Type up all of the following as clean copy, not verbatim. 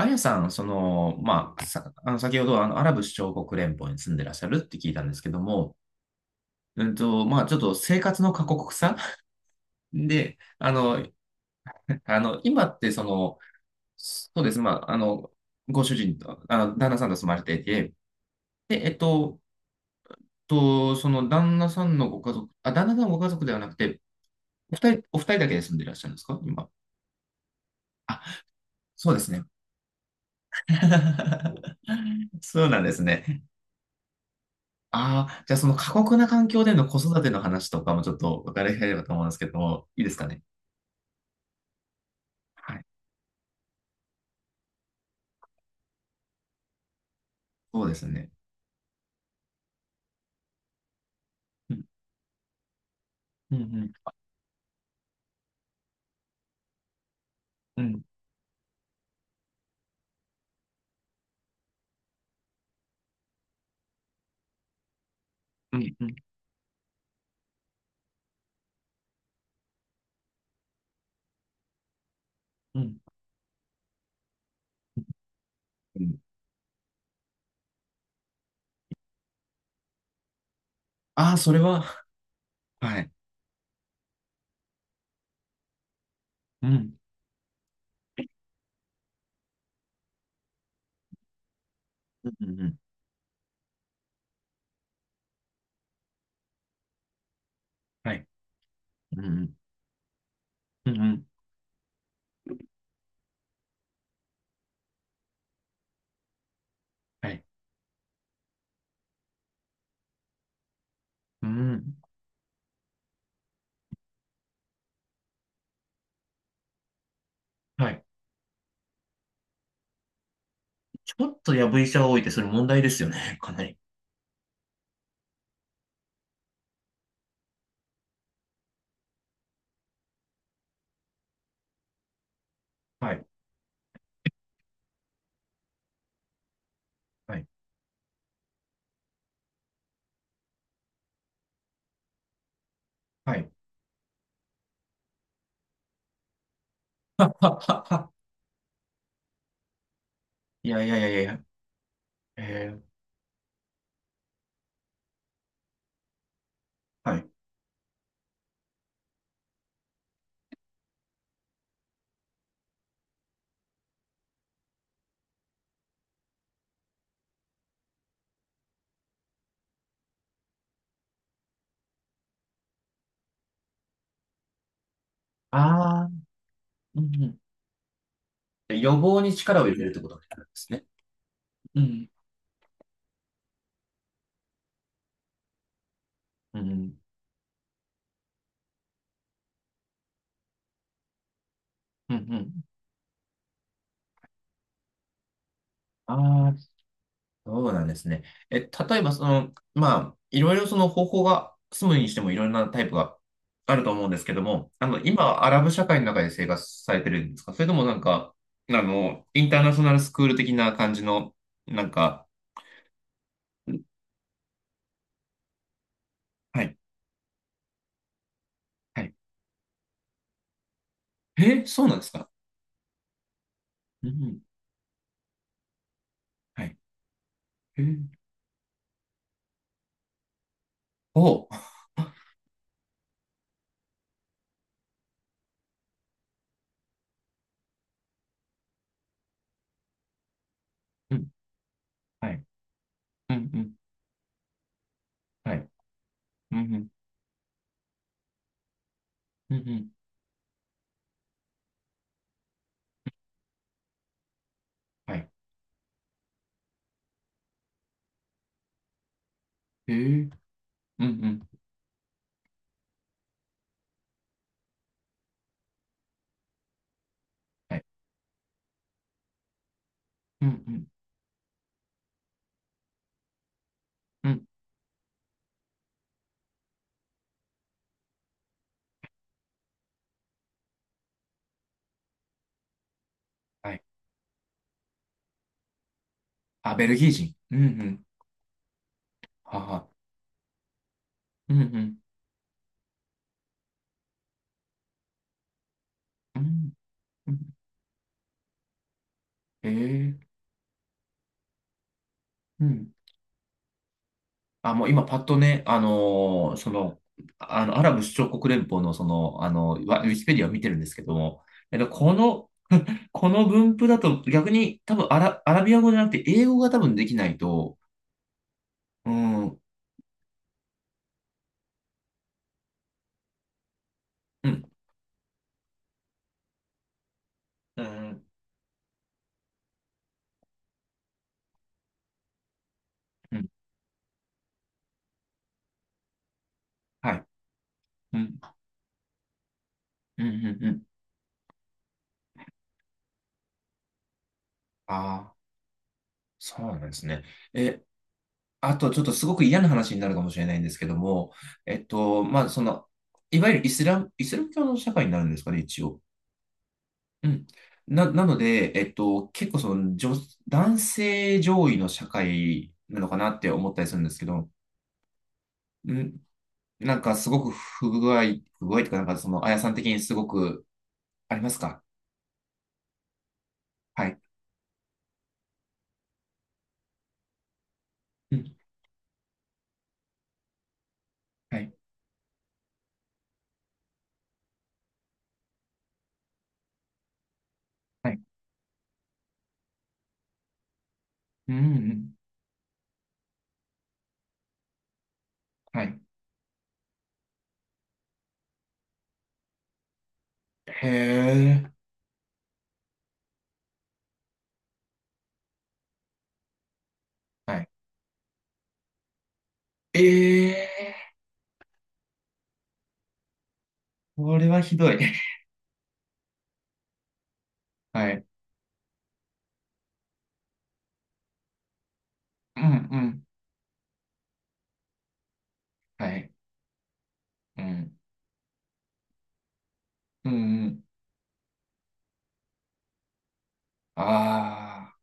あやさん、その、まあ、さ、あの、先ほど、アラブ首長国連邦に住んでらっしゃるって聞いたんですけども、まあ、ちょっと生活の過酷さ。 で、今って、その、そうです、まあ、ご主人と、旦那さんと住まれていて、で、その、旦那さんのご家族、あ、旦那さんのご家族ではなくて、お二人だけで住んでいらっしゃるんですか今？あ、そうですね。そうなんですね。ああ、じゃあその過酷な環境での子育ての話とかもちょっと伺いたいればと思うんですけど、いいですかね？はい。そうですね。うん、うん、うん、うん、うん、うん。うん、ああー、それは、はい。うん、うん、うん、うん。はい。うん、うん、うん、うん。はい。うん、はい。ちょっとやぶ医者が多いってそれ問題ですよね、かなり。はい、はい、はい。は、は、は。いやいやいやいやいや。えはい。ああ、うん、うん。予防に力を入れるってことなんですね。うん、うん、うん、うん、うん、ああ、そうなんですね。例えば、その、まあ、いろいろその方法が、住むにしてもいろんなタイプがあると思うんですけども、今、アラブ社会の中で生活されてるんですかそれともなんか、インターナショナルスクール的な感じの、なんか、はい、はい。え、そうなんですか？うん、はい。えおう、うん、はい、うん、うん、はい、うん、うん、うん、うん、はい。えー、うん、うん、はい、うん、うん、うん、はい。あ、ベルギー人。うん、うん。はい。うん、うん、うん。うん、ええ、うん。あ、もう今パッとね、アラブ首長国連邦のその、ウィキペディアを見てるんですけども、えっと、この、この分布だと逆に多分アラビア語じゃなくて英語が多分できないと、うん、うん、うん、うん、はい、うん、うん、うん、うん。ああ、そうなんですね。え、あと、ちょっとすごく嫌な話になるかもしれないんですけども、まあ、その、いわゆるイスラム教の社会になるんですかね、一応。うん。なので、結構その、男性上位の社会なのかなって思ったりするんですけど、うん、なんかすごく不具合というか、なんかその、あやさん的にすごくありますか？はい。うん。はい。はい。うん、うん。はい。へえ。はい。ええー、これはひどい。はい。うん、うん。はい。うん。うん、うん。ああ。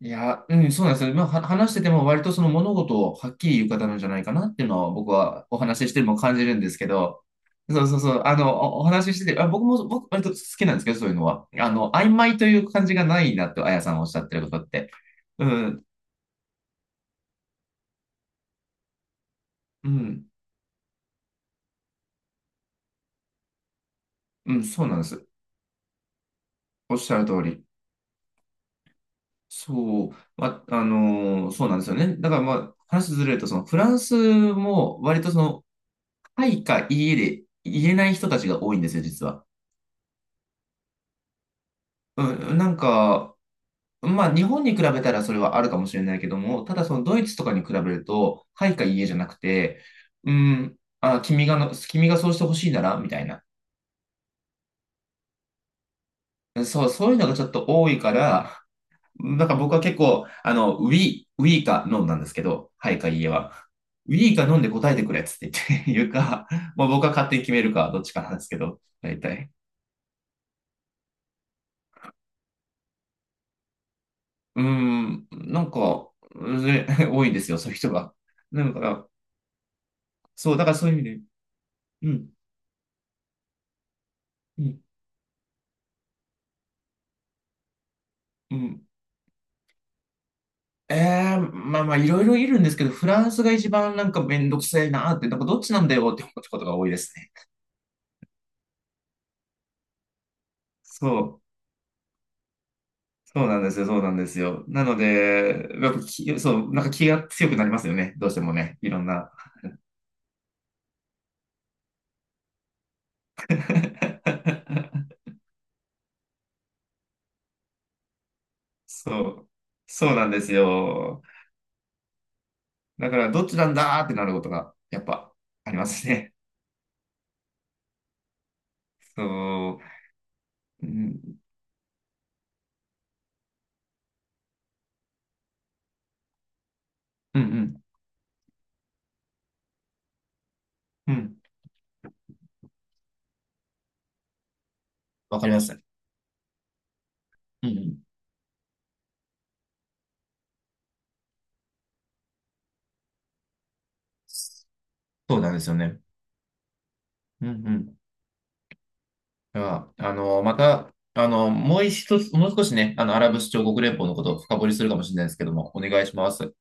いや、うん、そうなんですよ。まあ、話してても割とその物事をはっきり言う方なんじゃないかなっていうのは僕はお話ししても感じるんですけど、そうそうそう、お話ししてて、あ、僕割と好きなんですけど、そういうのは。曖昧という感じがないなと、あやさんおっしゃってることって。うん、うん、うん、そうなんです。おっしゃる通り。そう、まあ、そうなんですよね。だからまあ、話ずれると、そのフランスも割とはいかいいえで言えない人たちが多いんですよ、実は。うん、なんか、まあ日本に比べたらそれはあるかもしれないけども、ただそのドイツとかに比べると、はいかいいえじゃなくて、うん、あ、君がそうしてほしいなら、みたいな。そう、そういうのがちょっと多いから、なんか僕は結構、we, we か飲 o なんですけど、はいかいいえは。ウィーか飲んで答えてくれっつって言って 言うか、まあ僕は勝手に決めるか、どっちかなんですけど、大体。うーん、なんか、ぜ 多いですよ、そういう人が。だからそう、だからそういう意味で、うん、うん、うん。まあまあ、いろいろいるんですけど、フランスが一番なんかめんどくせえなーって、なんかどっちなんだよって思うことが多いですね。そう、そうなんですよ、そうなんですよ。なので、やっぱき、そう、なんか気が強くなりますよね、どうしてもね、いろんな。そう、そうなんですよ。だから、どっちなんだーってなることが、やっぱ、ありますね。そう。うん、うん、うん。うん、わかります。うん、うん。そうなんですよね。うん、うん。では、また、もう一つ、もう少しね、アラブ首長国連邦のことを深掘りするかもしれないですけども、お願いします。